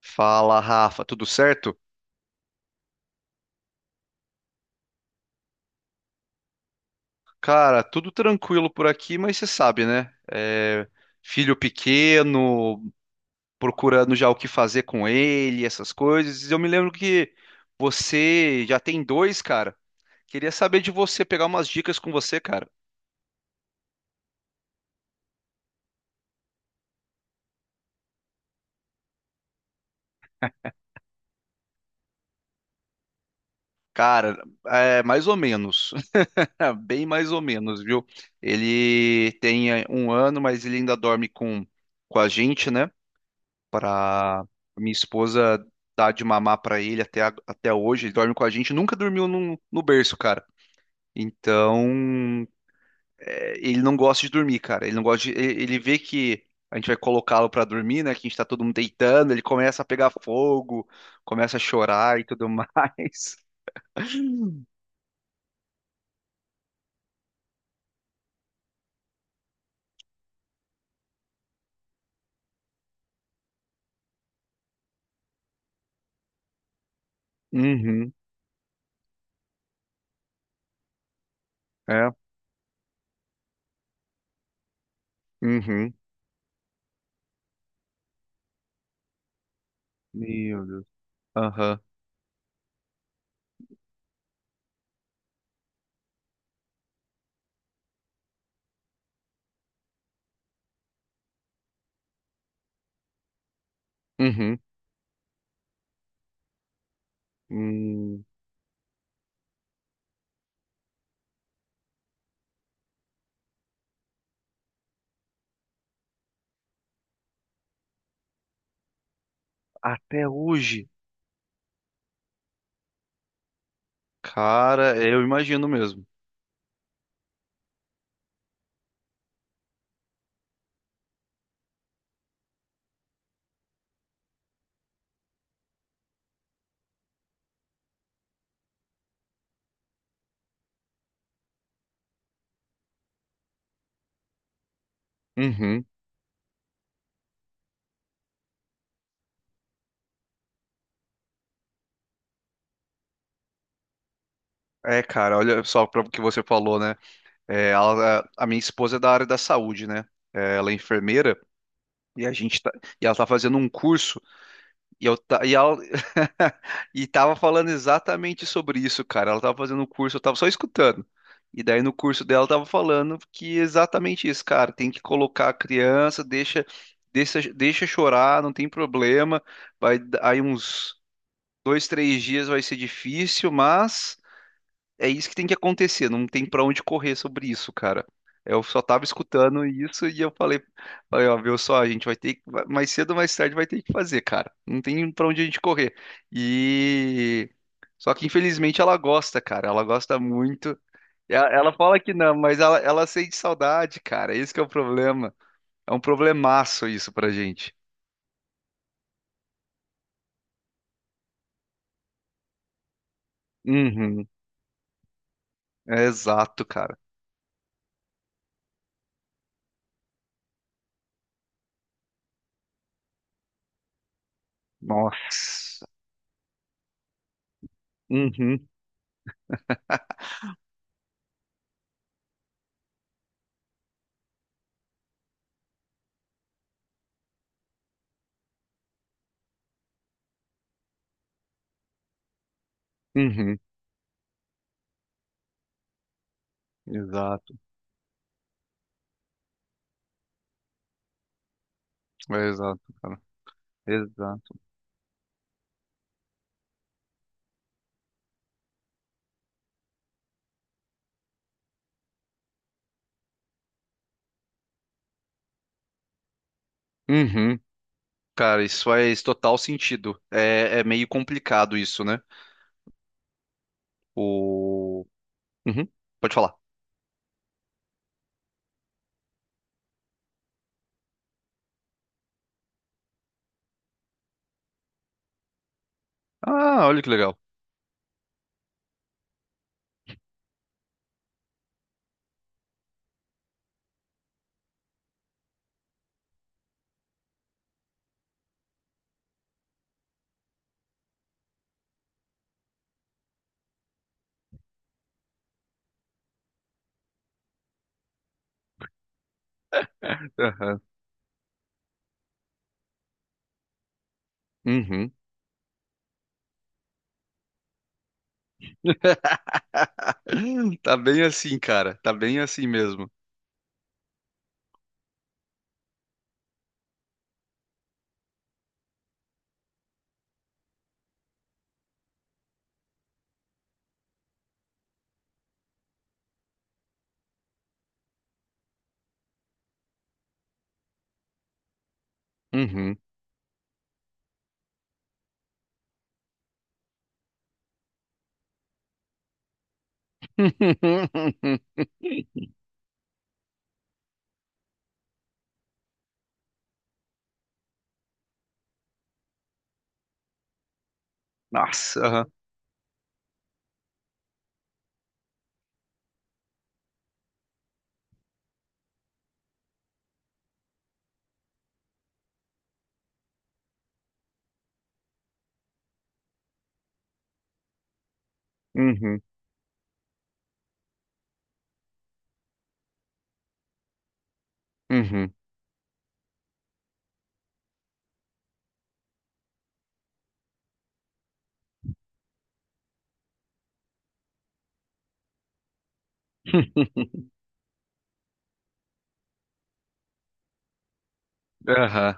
Fala, Rafa, tudo certo? Cara, tudo tranquilo por aqui, mas você sabe, né? Filho pequeno, procurando já o que fazer com ele, essas coisas. Eu me lembro que você já tem dois, cara. Queria saber de você, pegar umas dicas com você, cara. Cara, é mais ou menos, bem mais ou menos, viu? Ele tem 1 ano, mas ele ainda dorme com a gente, né? Para minha esposa dar de mamar para ele até hoje. Ele dorme com a gente, nunca dormiu no berço, cara. Então, ele não gosta de dormir, cara. Ele não gosta de, ele vê que a gente vai colocá-lo para dormir, né? Que a gente tá todo mundo deitando, ele começa a pegar fogo, começa a chorar e tudo mais. Uhum, é, uhum. Meu Deus. Aham, uhum. Hum, até hoje, cara, eu imagino mesmo. Uhum. É, cara, olha só para o que você falou, né? Ela- a minha esposa é da área da saúde, né? Ela é enfermeira, e a gente tá, e ela tá fazendo um curso, e eu tá, e ela e tava falando exatamente sobre isso, cara. Ela tava fazendo um curso, eu tava só escutando. E daí no curso dela tava falando que exatamente isso, cara, tem que colocar a criança, deixa chorar, não tem problema. Vai aí uns 2, 3 dias vai ser difícil, mas é isso que tem que acontecer, não tem pra onde correr sobre isso, cara. Eu só tava escutando isso e eu falei, ó, viu só, a gente vai ter que, mais cedo ou mais tarde vai ter que fazer, cara. Não tem pra onde a gente correr. E só que infelizmente ela gosta, cara. Ela gosta muito. Ela fala que não, mas ela sente saudade, cara. Esse que é o problema. É um problemaço isso pra gente. Uhum. É exato, cara. Nossa. Uhum. Uhum. Exato. É exato, cara. Exato. Uhum. Cara, isso faz total sentido. É meio complicado isso, né? O... Uhum. Pode falar. Ah, olha que legal. Aham. Uhum. Tá bem assim, cara. Tá bem assim mesmo. Uhum. Nossa. Aham. Uhum. Uhum. Aham.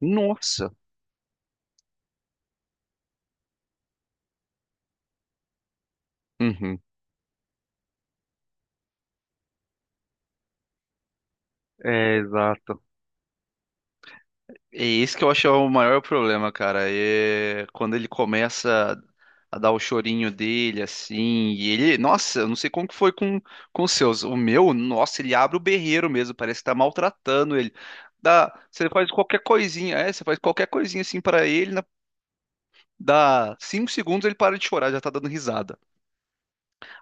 Nossa. Uhum. É, exato. É isso que eu acho é o maior problema, cara. É quando ele começa a dar o chorinho dele, assim, e ele, nossa, eu não sei como que foi com os seus. O meu, nossa, ele abre o berreiro mesmo, parece que tá maltratando ele. Dá, você faz qualquer coisinha, você faz qualquer coisinha assim pra ele, dá 5 segundos ele para de chorar, já tá dando risada.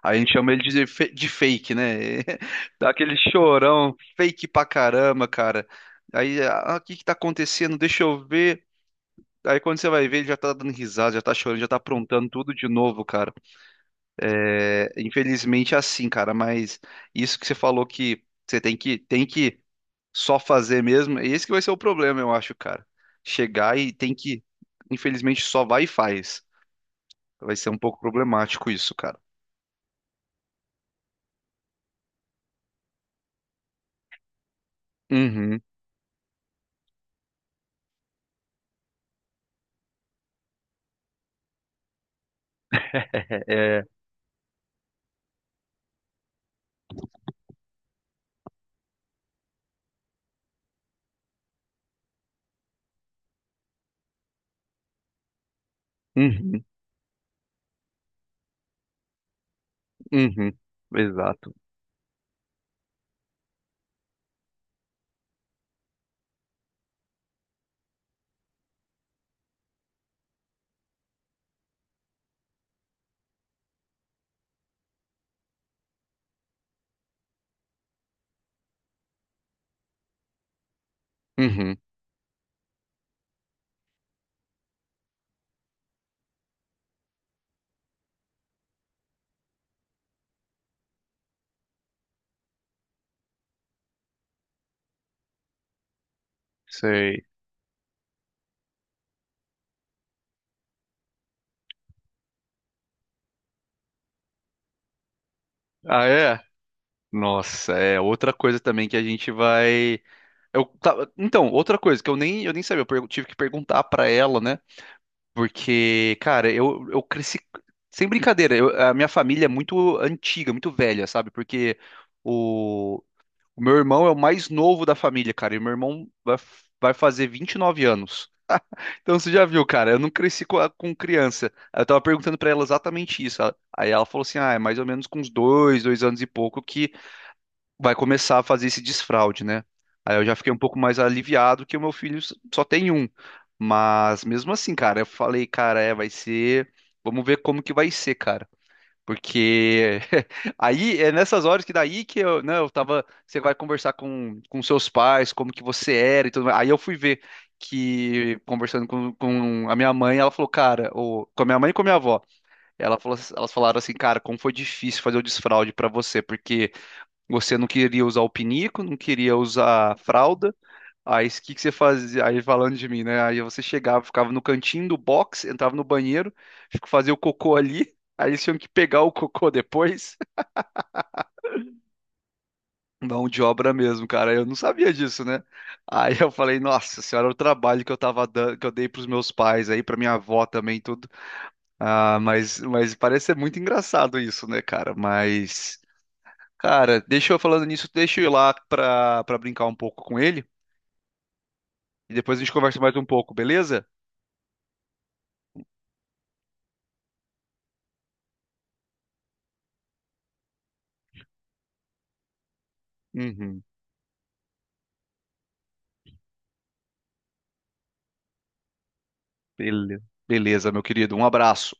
Aí a gente chama ele de, de fake, né? Dá aquele chorão fake pra caramba, cara. Aí, ah, o que que tá acontecendo? Deixa eu ver. Aí quando você vai ver, ele já tá dando risada, já tá chorando, já tá aprontando tudo de novo, cara. É, infelizmente é assim, cara, mas isso que você falou que você tem que só fazer mesmo, esse que vai ser o problema, eu acho, cara. Chegar e tem que, infelizmente, só vai e faz. Vai ser um pouco problemático isso, cara. Uhum. É, é. Uhum, uhum, exato. Uhum, sei. Ah, é? Nossa, é outra coisa também que a gente vai. Então, outra coisa que eu nem sabia, tive que perguntar pra ela, né? Porque, cara, eu cresci. Sem brincadeira, a minha família é muito antiga, muito velha, sabe? Porque o, o meu irmão é o mais novo da família, cara. E meu vai fazer 29 anos. Então você já viu, cara, eu não cresci com criança. Aí Eu tava perguntando pra ela exatamente isso. Aí ela falou assim: ah, é mais ou menos com uns 2 anos e pouco que vai começar a fazer esse desfraude, né? Aí eu já fiquei um pouco mais aliviado que o meu filho só tem um. Mas mesmo assim, cara, eu falei, cara, é, vai ser. Vamos ver como que vai ser, cara. Porque aí é nessas horas que daí que eu, né, eu tava, você vai conversar com seus pais, como que você era e tudo mais. Aí eu fui ver que conversando com a minha mãe, ela falou, cara, ou com a minha mãe e com a minha avó, elas falaram assim, cara, como foi difícil fazer o desfraude pra você, porque você não queria usar o pinico, não queria usar a fralda. Aí o que que você fazia? Aí falando de mim, né? Aí você chegava, ficava no cantinho do box, entrava no banheiro, fazia o cocô ali. Aí eles tinham que pegar o cocô depois. Mão de obra mesmo, cara. Eu não sabia disso, né? Aí eu falei, nossa senhora, o trabalho que eu tava dando, que eu dei pros meus pais aí, pra minha avó também, e tudo. Ah, mas parece ser muito engraçado isso, né, cara? Mas, cara, deixa eu falando nisso, deixa eu ir lá pra brincar um pouco com ele. E depois a gente conversa mais um pouco, beleza? Uhum. Beleza, beleza, meu querido. Um abraço.